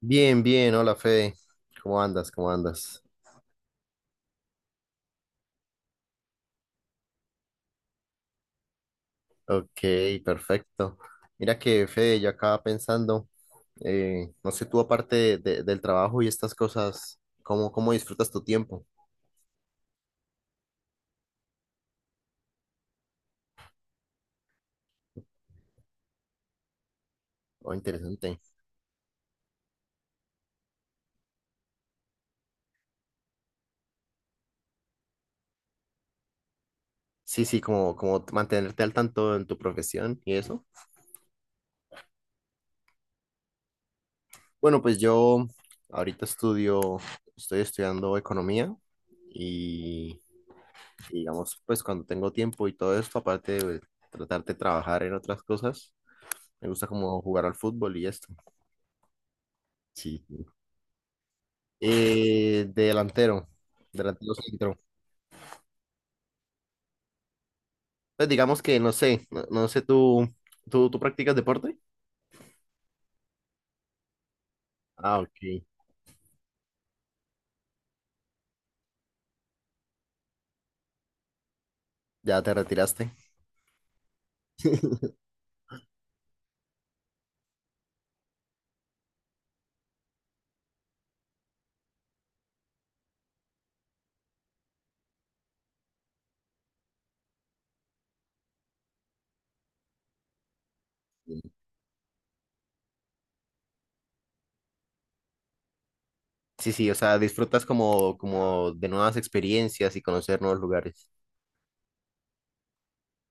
Bien, bien, hola Fede. ¿Cómo andas? ¿Cómo andas? Ok, perfecto. Mira que Fede, yo acaba pensando, no sé, tú aparte del trabajo y estas cosas, ¿cómo, cómo disfrutas tu tiempo? Oh, interesante. Sí, sí, como, como mantenerte al tanto en tu profesión y eso. Bueno, pues yo ahorita estudio, estoy estudiando economía y, y digamos, pues cuando tengo tiempo y todo esto, aparte de tratar de trabajar en otras cosas. Me gusta como jugar al fútbol y esto. Sí. De delantero, delantero centro. Pues digamos que no sé, no, no sé, ¿tú practicas deporte? Ah, ok. Ya te retiraste. Sí, sí, o sea, disfrutas como, como de nuevas experiencias y conocer nuevos lugares.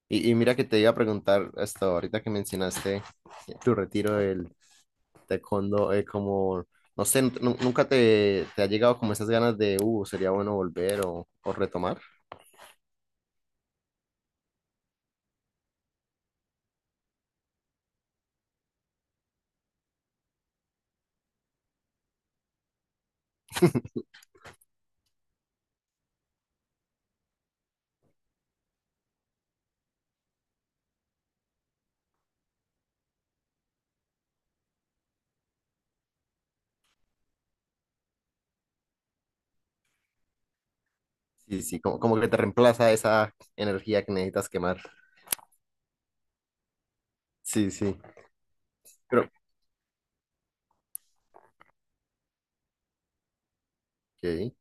Y mira que te iba a preguntar hasta ahorita que mencionaste tu retiro del taekwondo, como, no sé, nunca te, te ha llegado como esas ganas de, sería bueno volver o retomar. Sí, sí, como, como que te reemplaza esa energía que necesitas quemar. Sí, sí. Pero, ok.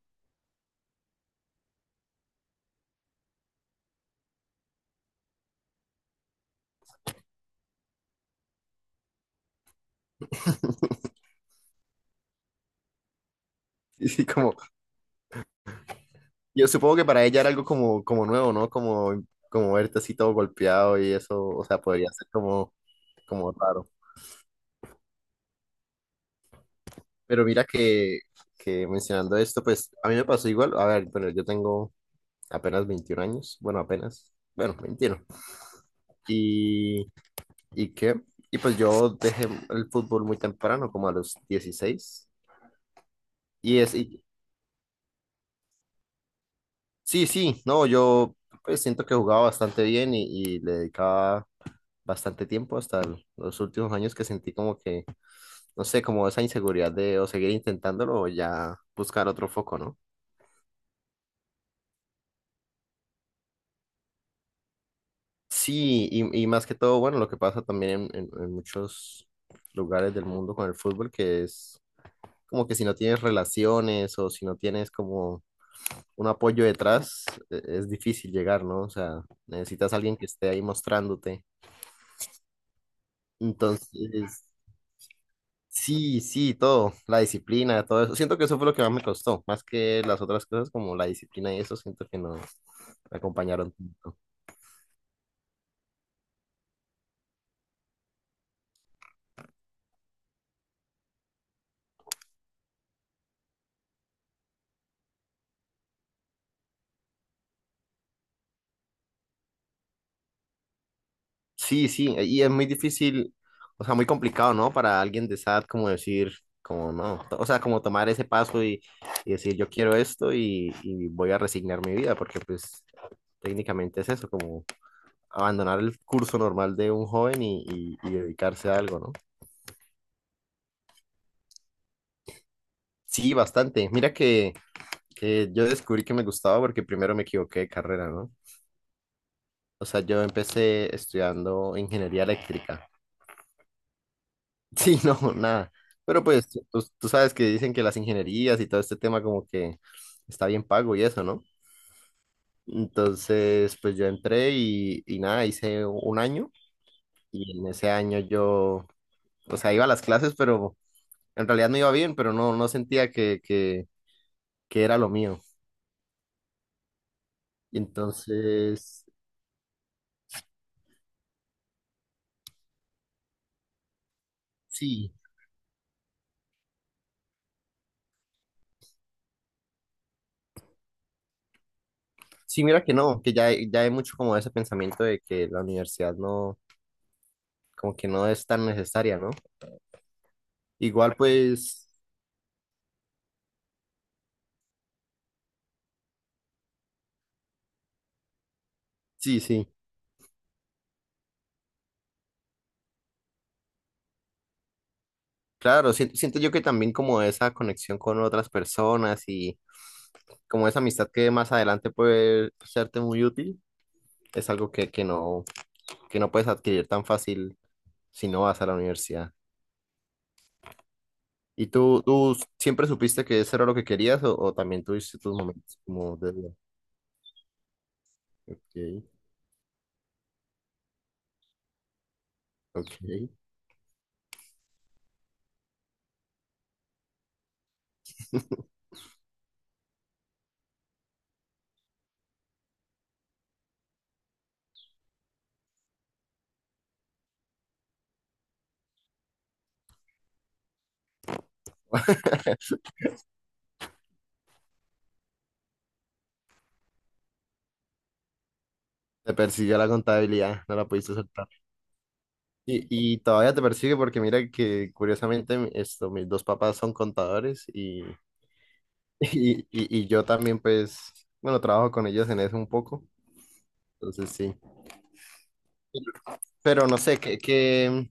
Sí, sí, como, yo supongo que para ella era algo como, como nuevo, ¿no? Como, como verte así todo golpeado y eso, o sea, podría ser como, como raro. Pero mira que mencionando esto, pues a mí me pasó igual. A ver, bueno, yo tengo apenas 21 años, bueno, apenas, bueno, 21. Y, ¿Y qué? Y pues yo dejé el fútbol muy temprano, como a los 16. Y, es, y sí, sí, no, yo pues siento que jugaba bastante bien y le dedicaba bastante tiempo hasta los últimos años que sentí como que, no sé, como esa inseguridad de o seguir intentándolo o ya buscar otro foco, ¿no? Sí, y más que todo, bueno, lo que pasa también en, en muchos lugares del mundo con el fútbol, que es como que si no tienes relaciones o si no tienes como un apoyo detrás, es difícil llegar, ¿no? O sea, necesitas a alguien que esté ahí mostrándote. Entonces, sí, sí, todo, la disciplina, todo eso. Siento que eso fue lo que más me costó, más que las otras cosas como la disciplina y eso, siento que no me acompañaron tanto. Sí, sí, e, y es muy difícil, o sea, muy complicado, ¿no? Para alguien de esa edad como decir, como no, o sea, como tomar ese paso y decir yo quiero esto y voy a resignar mi vida, porque pues técnicamente es eso, como abandonar el curso normal de un joven y dedicarse a algo, ¿no? Sí, bastante. Mira que yo descubrí que me gustaba porque primero me equivoqué de carrera, ¿no? O sea, yo empecé estudiando ingeniería eléctrica. Sí, no, nada. Pero pues tú sabes que dicen que las ingenierías y todo este tema como que está bien pago y eso, ¿no? Entonces, pues yo entré y nada, hice un año y en ese año yo, o sea, iba a las clases, pero en realidad me iba bien, pero no, no sentía que era lo mío. Y entonces, sí. Sí, mira que no, que ya, ya hay mucho como ese pensamiento de que la universidad no, como que no es tan necesaria, ¿no? Igual pues, sí, sí, claro, siento yo que también como esa conexión con otras personas y como esa amistad que más adelante puede serte muy útil, es algo que no puedes adquirir tan fácil si no vas a la universidad. ¿Y tú siempre supiste que eso era lo que querías o también tuviste tus momentos como de... Ok, ok. Te persiguió la contabilidad, no la pudiste soltar. Y, y todavía te persigue porque mira que curiosamente esto, mis dos papás son contadores y, y yo también pues, bueno, trabajo con ellos en eso un poco, entonces sí. Pero no sé, que,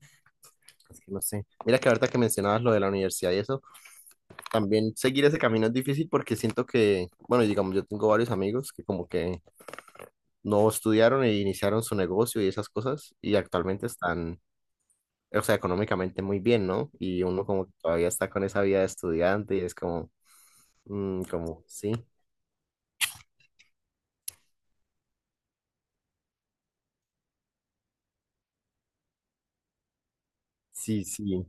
es que no sé, mira que ahorita que mencionabas lo de la universidad y eso, también seguir ese camino es difícil porque siento que, bueno, digamos, yo tengo varios amigos que como que no estudiaron e iniciaron su negocio y esas cosas y actualmente están... O sea, económicamente muy bien, ¿no? Y uno como que todavía está con esa vida de estudiante y es como, mm, como, sí, sí, sí,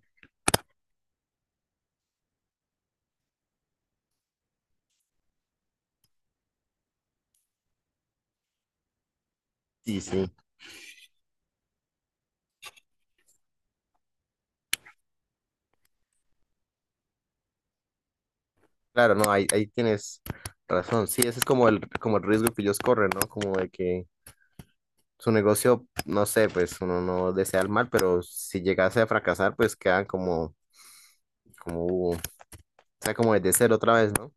sí, sí. Claro, no, ahí, ahí tienes razón. Sí, ese es como el riesgo que ellos corren, ¿no? Como de que su negocio, no sé, pues uno no desea el mal, pero si llegase a fracasar, pues quedan como, como, o sea, como desde cero otra vez, ¿no?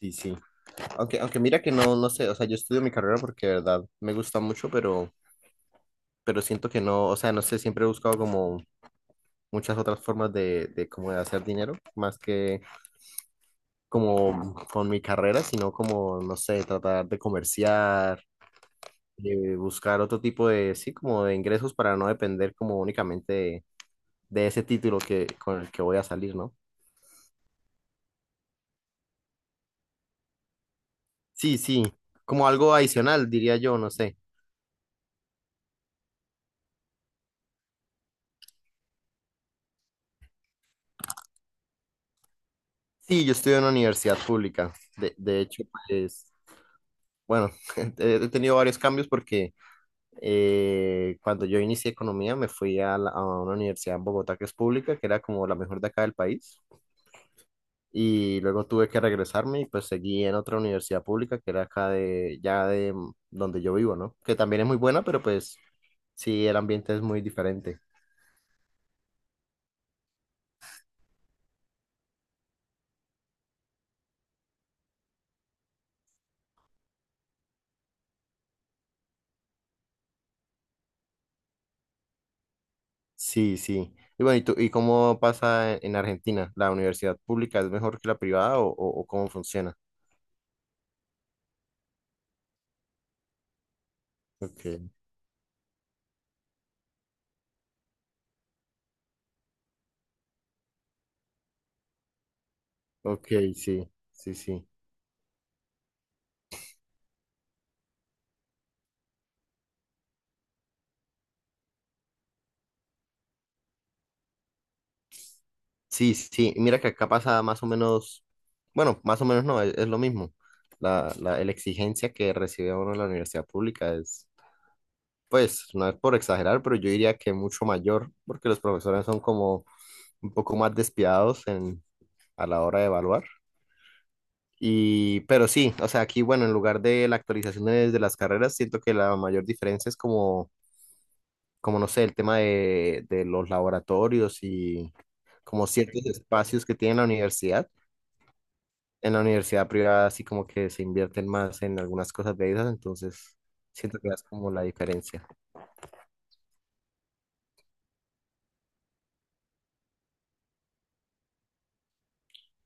Sí, sí. Aunque, aunque mira que no, no sé, o sea, yo estudio mi carrera porque de verdad me gusta mucho, pero siento que no, o sea, no sé, siempre he buscado como muchas otras formas de como de hacer dinero, más que como con mi carrera, sino como, no sé, tratar de comerciar, de buscar otro tipo de, sí, como de ingresos para no depender como únicamente de ese título que, con el que voy a salir, ¿no? Sí, sí, como algo adicional, diría yo, no sé. Sí, yo estudio en una universidad pública. De hecho, pues, bueno, he tenido varios cambios porque cuando yo inicié economía me fui a, a una universidad en Bogotá que es pública, que era como la mejor de acá del país. Y luego tuve que regresarme y pues seguí en otra universidad pública que era acá de, ya de donde yo vivo, ¿no? Que también es muy buena, pero pues sí, el ambiente es muy diferente. Sí, sí. Y bueno, ¿y tú, y cómo pasa en Argentina? ¿La universidad pública es mejor que la privada o, o cómo funciona? Ok, ok, sí, sí, sí. Sí, sí, sí. Y mira que acá pasa más o menos, bueno, más o menos no, es lo mismo. La exigencia que recibe uno en la universidad pública, pues, no es por exagerar, pero yo diría que mucho mayor, porque los profesores son como un poco más despiadados en, a la hora de evaluar. Y, pero sí, o sea, aquí, bueno, en lugar de la actualización de las carreras, siento que la mayor diferencia es como, como no sé, el tema de los laboratorios y como ciertos espacios que tiene la universidad. En la universidad privada, así como que se invierten más en algunas cosas de esas, entonces siento que es como la diferencia.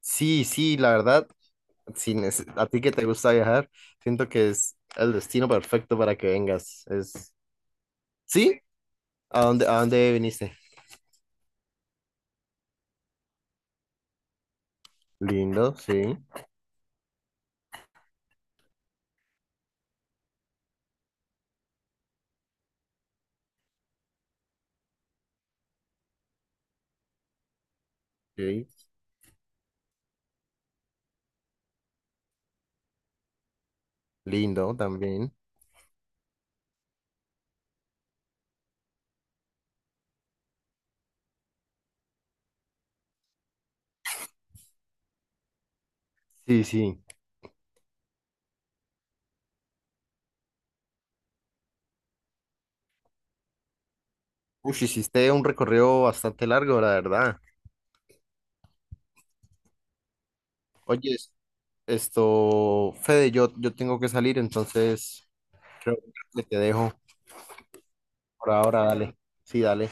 Sí, sí, la verdad. Si a ti que te gusta viajar, siento que es el destino perfecto para que vengas. Es, ¿sí? A dónde viniste? Lindo, sí, sí, lindo también. Sí, sí. Uy, hiciste un recorrido bastante largo, la verdad. Oye, es- esto, Fede, yo tengo que salir, entonces creo que te dejo por ahora, dale. Sí, dale.